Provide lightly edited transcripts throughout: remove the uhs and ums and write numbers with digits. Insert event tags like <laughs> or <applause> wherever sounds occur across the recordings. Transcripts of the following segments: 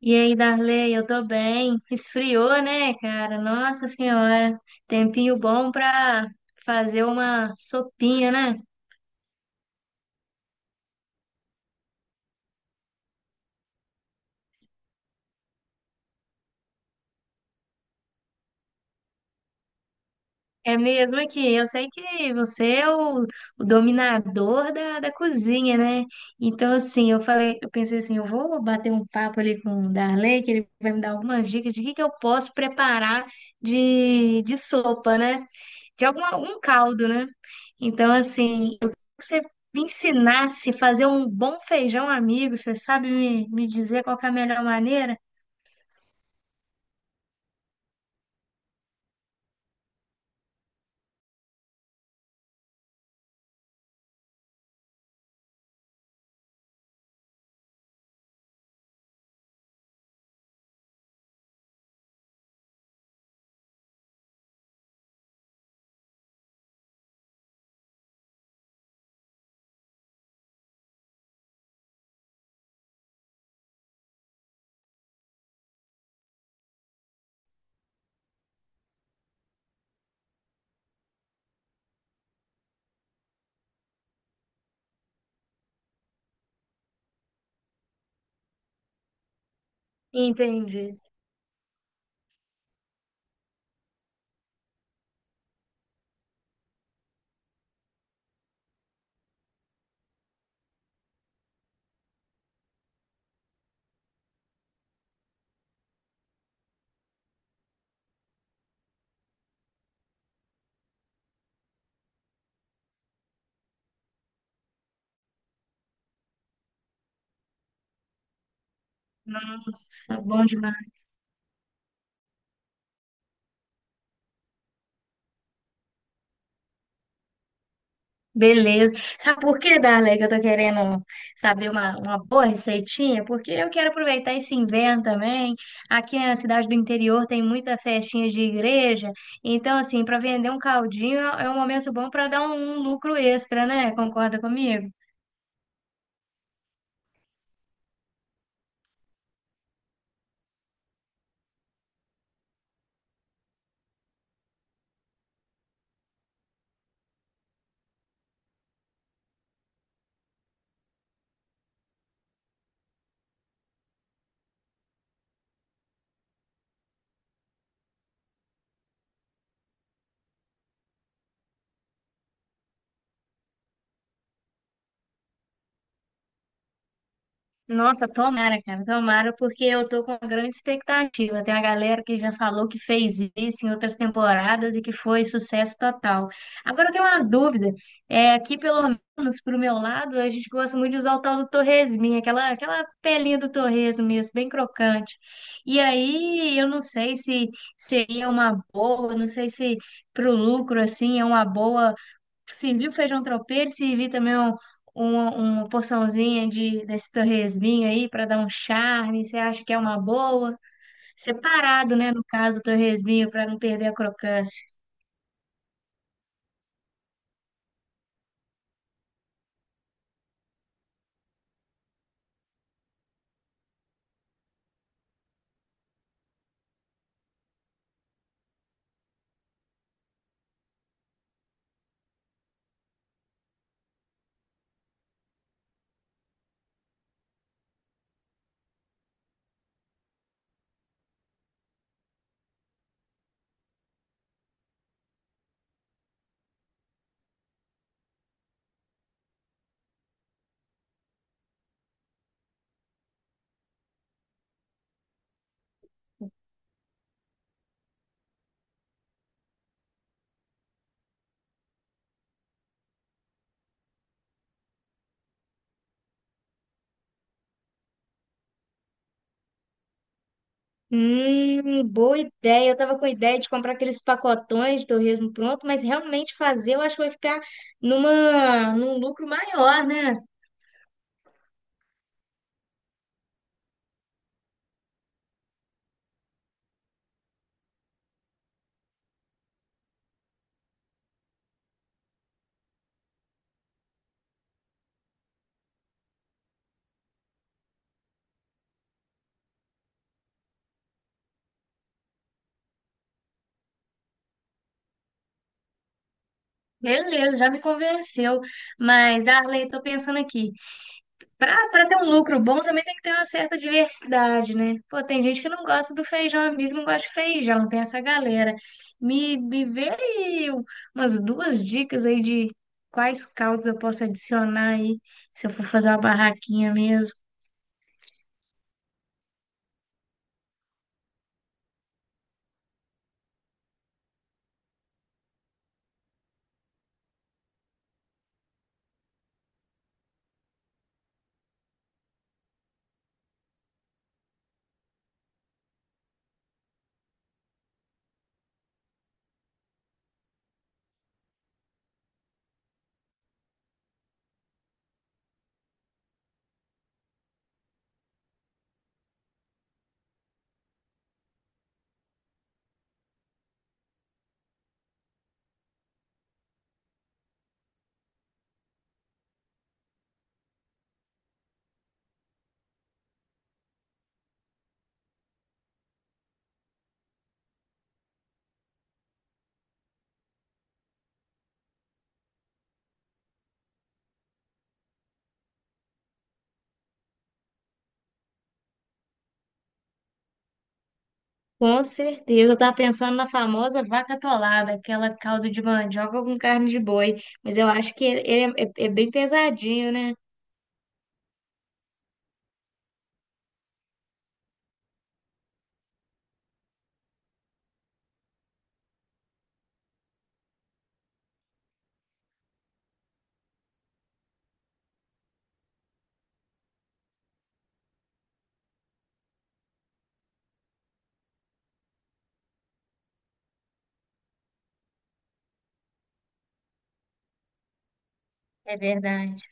E aí, Darley, eu tô bem. Esfriou, né, cara? Nossa Senhora, tempinho bom pra fazer uma sopinha, né? É mesmo aqui. Eu sei que você é o dominador da cozinha, né? Então, assim, eu falei, eu pensei assim, eu vou bater um papo ali com o Darley, que ele vai me dar algumas dicas de que eu posso preparar de sopa, né? De algum um caldo, né? Então, assim, eu queria que você me ensinasse a fazer um bom feijão amigo. Você sabe me dizer qual que é a melhor maneira? Entendi. Nossa, bom demais. Beleza. Sabe por que, Darley, que eu tô querendo saber uma boa receitinha? Porque eu quero aproveitar esse inverno também. Aqui na cidade do interior tem muita festinha de igreja. Então, assim, para vender um caldinho é é um momento bom para dar um um lucro extra, né? Concorda comigo? Nossa, tomara, cara, tomara, porque eu tô com uma grande expectativa. Tem uma galera que já falou que fez isso em outras temporadas e que foi sucesso total. Agora eu tenho uma dúvida. É, aqui, pelo menos pro meu lado, a gente gosta muito de usar o tal do torresminho, aquela pelinha do torresmo mesmo, bem crocante. E aí, eu não sei se seria uma boa, não sei se pro lucro, assim, é uma boa servir o feijão tropeiro, servir também uma porçãozinha de, desse torresminho aí para dar um charme. Você acha que é uma boa? Separado, né? No caso, o torresminho para não perder a crocância. Boa ideia. Eu tava com a ideia de comprar aqueles pacotões de torresmo pronto, mas realmente fazer eu acho que vai ficar numa, num lucro maior, né? Beleza, já me convenceu. Mas, Darley, tô pensando aqui. Pra ter um lucro bom também tem que ter uma certa diversidade, né? Pô, tem gente que não gosta do feijão amigo, não gosta de feijão, tem essa galera. Me vê aí um, umas duas dicas aí de quais caldos eu posso adicionar aí, se eu for fazer uma barraquinha mesmo. Com certeza, eu tava pensando na famosa vaca atolada, aquela caldo de mandioca com carne de boi, mas eu acho que ele é, é é bem pesadinho, né? É verdade.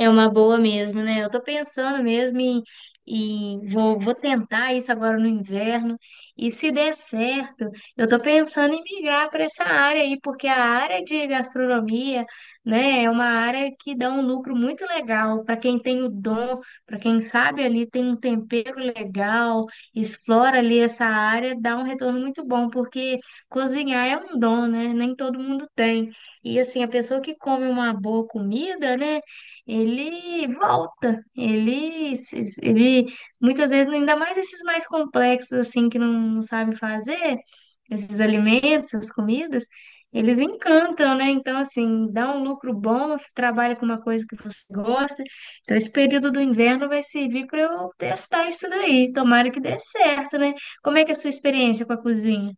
É uma boa mesmo, né? Eu tô pensando mesmo em, vou, vou tentar isso agora no inverno e se der certo, eu tô pensando em migrar para essa área aí, porque a área de gastronomia, né, é uma área que dá um lucro muito legal para quem tem o dom, para quem sabe ali tem um tempero legal, explora ali essa área, dá um retorno muito bom, porque cozinhar é um dom, né? Nem todo mundo tem. E assim, a pessoa que come uma boa comida, né? Ele volta, ele, ele muitas vezes, ainda mais esses mais complexos, assim, que não sabem fazer, esses alimentos, essas comidas, eles encantam, né? Então, assim, dá um lucro bom, você trabalha com uma coisa que você gosta. Então, esse período do inverno vai servir para eu testar isso daí. Tomara que dê certo, né? Como é que é a sua experiência com a cozinha?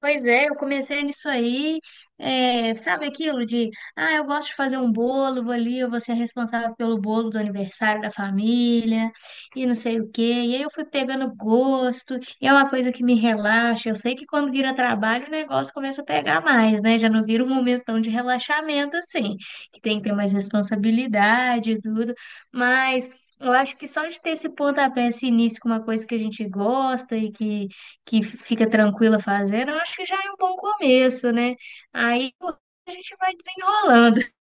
Pois é, eu comecei nisso aí, é, sabe aquilo de, ah, eu gosto de fazer um bolo, vou ali, eu vou ser responsável pelo bolo do aniversário da família, e não sei o quê. E aí eu fui pegando gosto, e é uma coisa que me relaxa. Eu sei que quando vira trabalho, o negócio começa a pegar mais, né? Já não vira um momentão de relaxamento assim, que tem que ter mais responsabilidade e tudo, mas. Eu acho que só de ter esse pontapé, esse início com uma coisa que a gente gosta e que fica tranquila fazendo, eu acho que já é um bom começo, né? Aí a gente vai desenrolando. <laughs>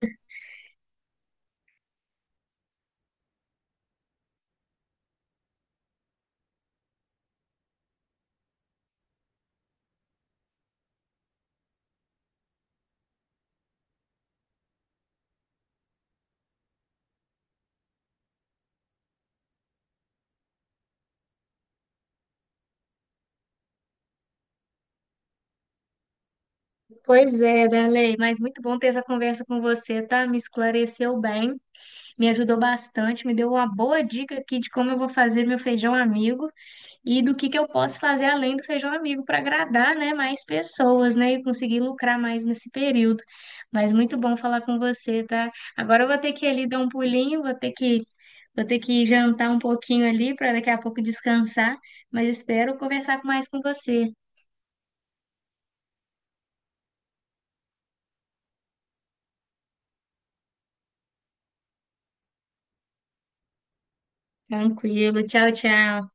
Pois é, Darley, mas muito bom ter essa conversa com você, tá? Me esclareceu bem, me ajudou bastante, me deu uma boa dica aqui de como eu vou fazer meu feijão amigo, e do que eu posso fazer além do feijão amigo para agradar, né, mais pessoas, né, e conseguir lucrar mais nesse período. Mas muito bom falar com você, tá? Agora eu vou ter que ir ali dar um pulinho, vou ter que jantar um pouquinho ali para daqui a pouco descansar, mas espero conversar mais com você. Tranquilo, tchau, tchau.